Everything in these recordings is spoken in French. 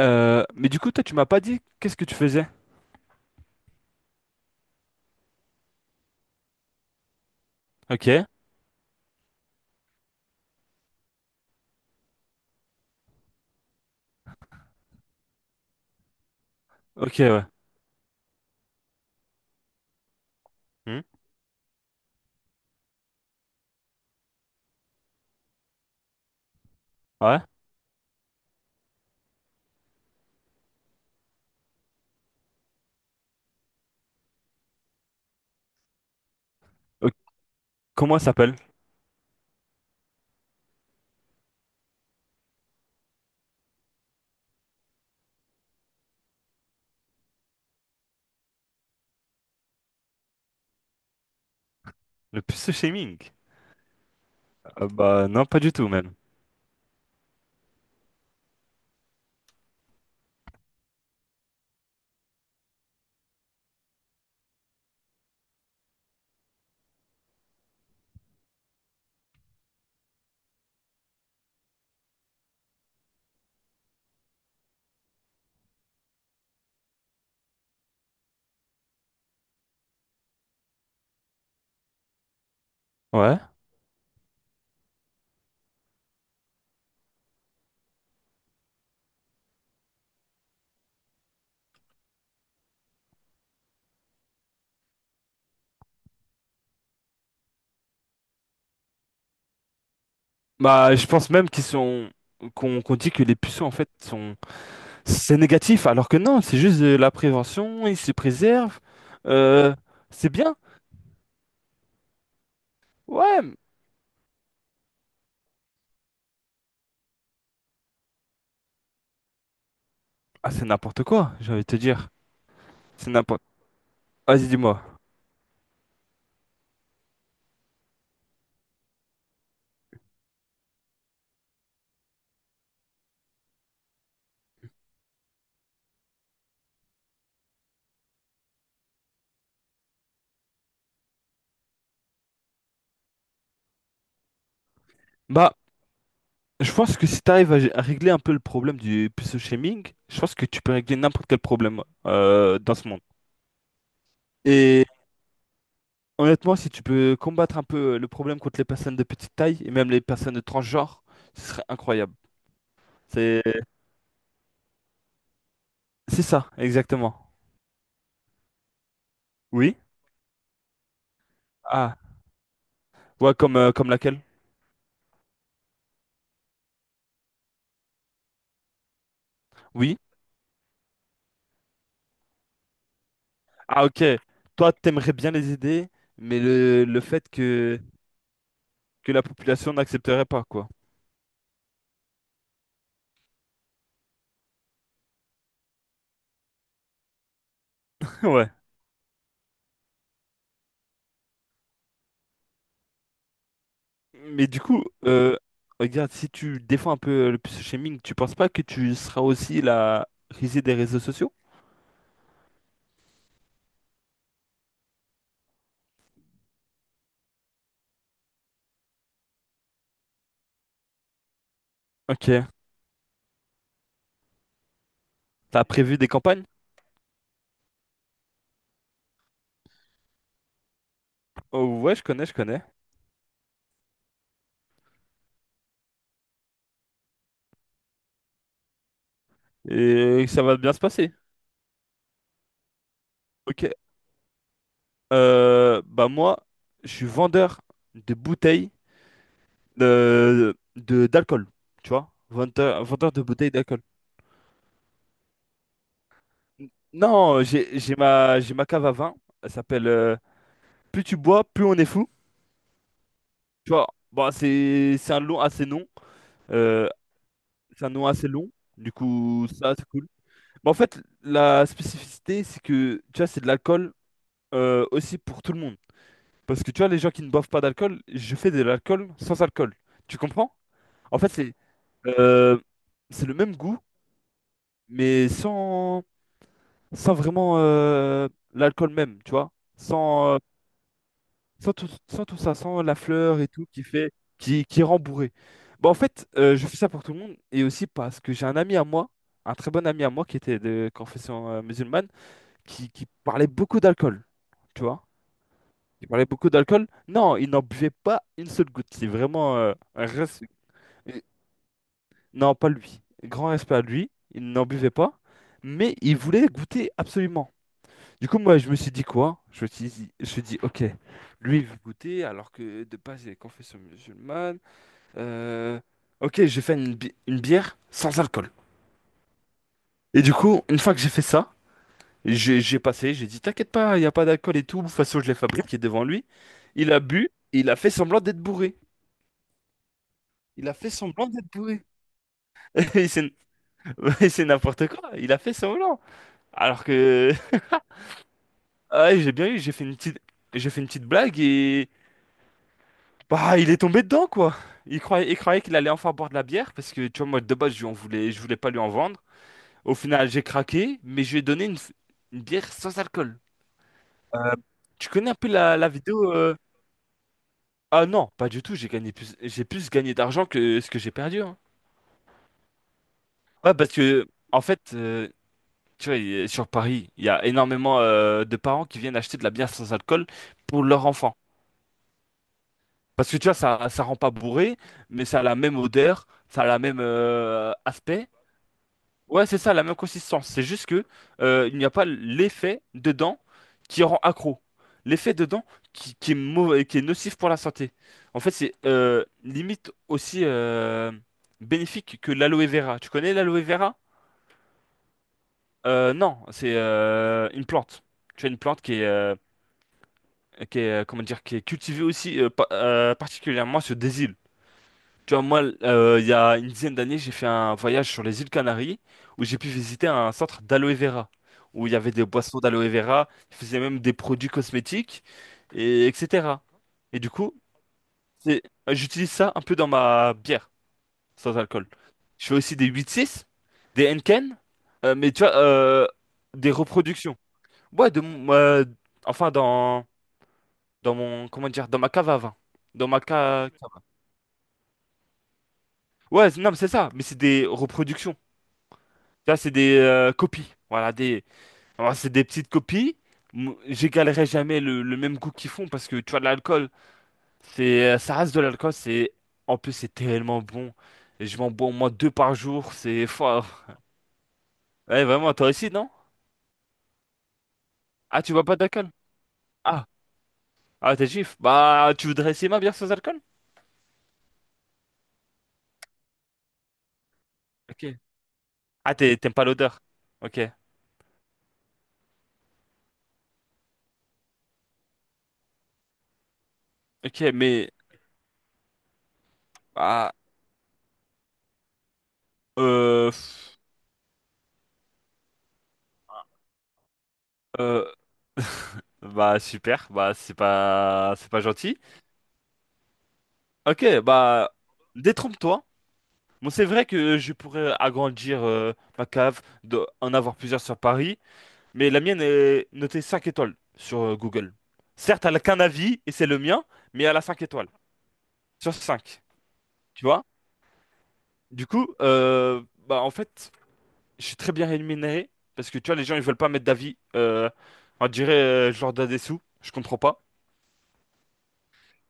Mais du coup, toi, tu m'as pas dit qu'est-ce que tu faisais? Ok. Ok, ouais. Hmm. Ouais. Ok. Comment ça s'appelle? Le pseudo-shaming. Bah non, pas du tout même. Ouais. Bah, je pense même qu'ils sont qu'on dit que les puceaux en fait sont c'est négatif alors que non, c'est juste de la prévention, ils se préservent. Euh, c'est bien. Ouais. Ah, c'est n'importe quoi, j'ai envie de te dire. C'est n'importe. Vas-y, dis-moi. Bah, je pense que si tu arrives à régler un peu le problème du pseudo shaming, je pense que tu peux régler n'importe quel problème dans ce monde. Et honnêtement, si tu peux combattre un peu le problème contre les personnes de petite taille et même les personnes de transgenre, ce serait incroyable. C'est c'est ça, exactement. Oui? Ah, ouais, comme laquelle? Oui. Ah, ok. Toi, t'aimerais bien les aider, mais le fait que la population n'accepterait pas, quoi. Ouais. Mais du coup, regarde, si tu défends un peu le shaming, tu penses pas que tu seras aussi la risée des réseaux sociaux? Ok. T'as prévu des campagnes? Oh ouais, je connais, je connais. Et ça va bien se passer. Ok. Bah moi, je suis vendeur de bouteilles d'alcool. Tu vois? Vendeur, vendeur de bouteilles d'alcool. Non, j'ai ma cave à vin. Elle s'appelle Plus tu bois, plus on est fou. Tu vois? Bon, c'est un long assez long. Euh, c'est un nom assez long. Du coup, ça, c'est cool. Mais en fait, la spécificité, c'est que, tu vois, c'est de l'alcool aussi pour tout le monde. Parce que, tu vois, les gens qui ne boivent pas d'alcool, je fais de l'alcool sans alcool. Tu comprends? En fait, euh, c'est le même goût, mais sans vraiment l'alcool même, tu vois? Sans tout, sans tout ça, sans la fleur et tout qui fait, qui rend bourré. Bah, en fait, je fais ça pour tout le monde et aussi parce que j'ai un ami à moi, un très bon ami à moi qui était de confession musulmane, qui parlait beaucoup d'alcool. Tu vois? Il parlait beaucoup d'alcool. Non, il n'en buvait pas une seule goutte. C'est vraiment euh, non, pas lui. Grand respect à lui. Il n'en buvait pas. Mais il voulait goûter absolument. Du coup, moi, je me suis dit quoi? Je me suis dit, je me suis dit, ok, lui, il veut goûter, alors que de base, il est confession musulmane. Euh, ok, j'ai fait une bière sans alcool. Et du coup, une fois que j'ai fait ça, j'ai passé, j'ai dit, t'inquiète pas, il n'y a pas d'alcool et tout. De toute façon, je l'ai fabriqué devant lui. Il a bu, et il a fait semblant d'être bourré. Il a fait semblant d'être bourré. Et C'est Ouais, c'est n'importe quoi, il a fait semblant. Alors que, ah, ouais, j'ai bien eu, j'ai fait une petite blague et. Bah, il est tombé dedans, quoi. Il croyait qu'il allait enfin boire de la bière parce que, tu vois, moi, de base, je lui en voulais, je voulais pas lui en vendre. Au final, j'ai craqué, mais je lui ai donné une bière sans alcool. Euh, Tu connais un peu la vidéo Ah non, pas du tout. J'ai plus gagné d'argent que ce que j'ai perdu, hein. Ouais, parce que, en fait, tu vois, sur Paris, il y a énormément de parents qui viennent acheter de la bière sans alcool pour leur enfant. Parce que, tu vois, ça rend pas bourré, mais ça a la même odeur, ça a la même aspect. Ouais, c'est ça, la même consistance. C'est juste que il n'y a pas l'effet dedans qui rend accro. L'effet dedans qui est mauvais, qui est nocif pour la santé. En fait, c'est limite aussi bénéfique que l'aloe vera. Tu connais l'aloe vera? Non, c'est une plante. Tu as une plante comment dire, qui est cultivée aussi particulièrement sur des îles. Tu vois, moi, il y a une dizaine d'années, j'ai fait un voyage sur les îles Canaries où j'ai pu visiter un centre d'aloe vera, où il y avait des boissons d'aloe vera, ils faisaient même des produits cosmétiques, et etc. Et du coup, c'est- j'utilise ça un peu dans ma bière, sans alcool. Je fais aussi des 8-6, des Henken, mais tu vois, des reproductions. Ouais, enfin, dans mon, comment dire, dans ma cave à vin. Dans ma cave. Ouais, non, mais c'est ça, mais c'est des reproductions. Ça, c'est des copies. Voilà, des... Alors, c'est des petites copies. J'égalerai jamais le même goût qu'ils font parce que tu vois, de l'alcool, ça reste de l'alcool. C'est, en plus, c'est tellement bon. Et je m'en bois au moins deux par jour. C'est fort. Ouais, vraiment, toi aussi, non? Ah, tu bois pas d'alcool? Ah, ah, t'es juif. Bah, tu voudrais essayer ma bière sans alcool? Ok. Ah, t'aimes pas l'odeur. Ok. Ok, mais, bah, euh, pff, euh, bah, super. Bah, c'est pas gentil. Ok, bah, détrompe-toi. Bon, c'est vrai que je pourrais agrandir ma cave, en avoir plusieurs sur Paris, mais la mienne est notée 5 étoiles sur Google. Certes, elle n'a qu'un avis, et c'est le mien, mais elle a 5 étoiles sur 5. Tu vois? Du coup, bah, en fait, je suis très bien rémunéré, parce que tu vois, les gens, ils veulent pas mettre d'avis. On dirait, je leur donne des sous, je comprends pas.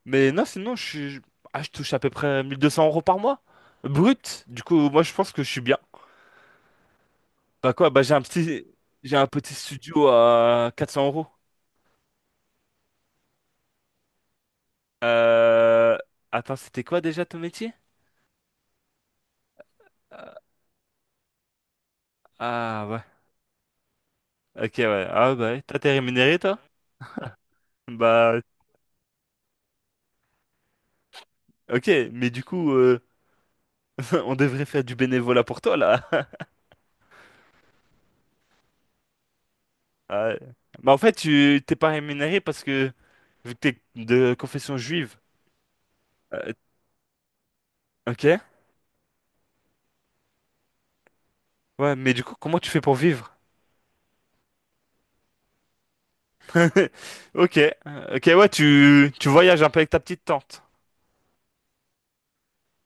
Mais non, sinon, je touche à peu près 1 200 € par mois, brut. Du coup, moi, je pense que je suis bien. Bah quoi, bah j'ai un petit studio à 400 euros. Euh, Attends, c'était quoi déjà ton métier? Euh, Ah ouais. Ok ouais. Ah bah ouais. Toi, t'es rémunéré toi? Bah ok, mais du coup, on devrait faire du bénévolat pour toi là. Ah ouais. Bah en fait, tu t'es pas rémunéré parce que vu que t'es de confession juive. euh, ok. Ouais, mais du coup, comment tu fais pour vivre? Ok. Ok ouais, tu voyages un peu avec ta petite tante.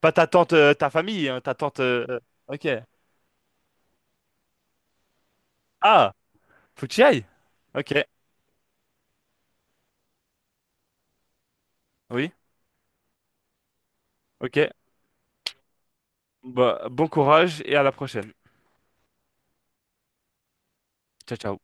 Pas ta tante, ta famille, hein, ta tante. Ok. Ah, faut que tu y. Ok, oui, ok. Bah, bon courage et à la prochaine. Ciao, ciao.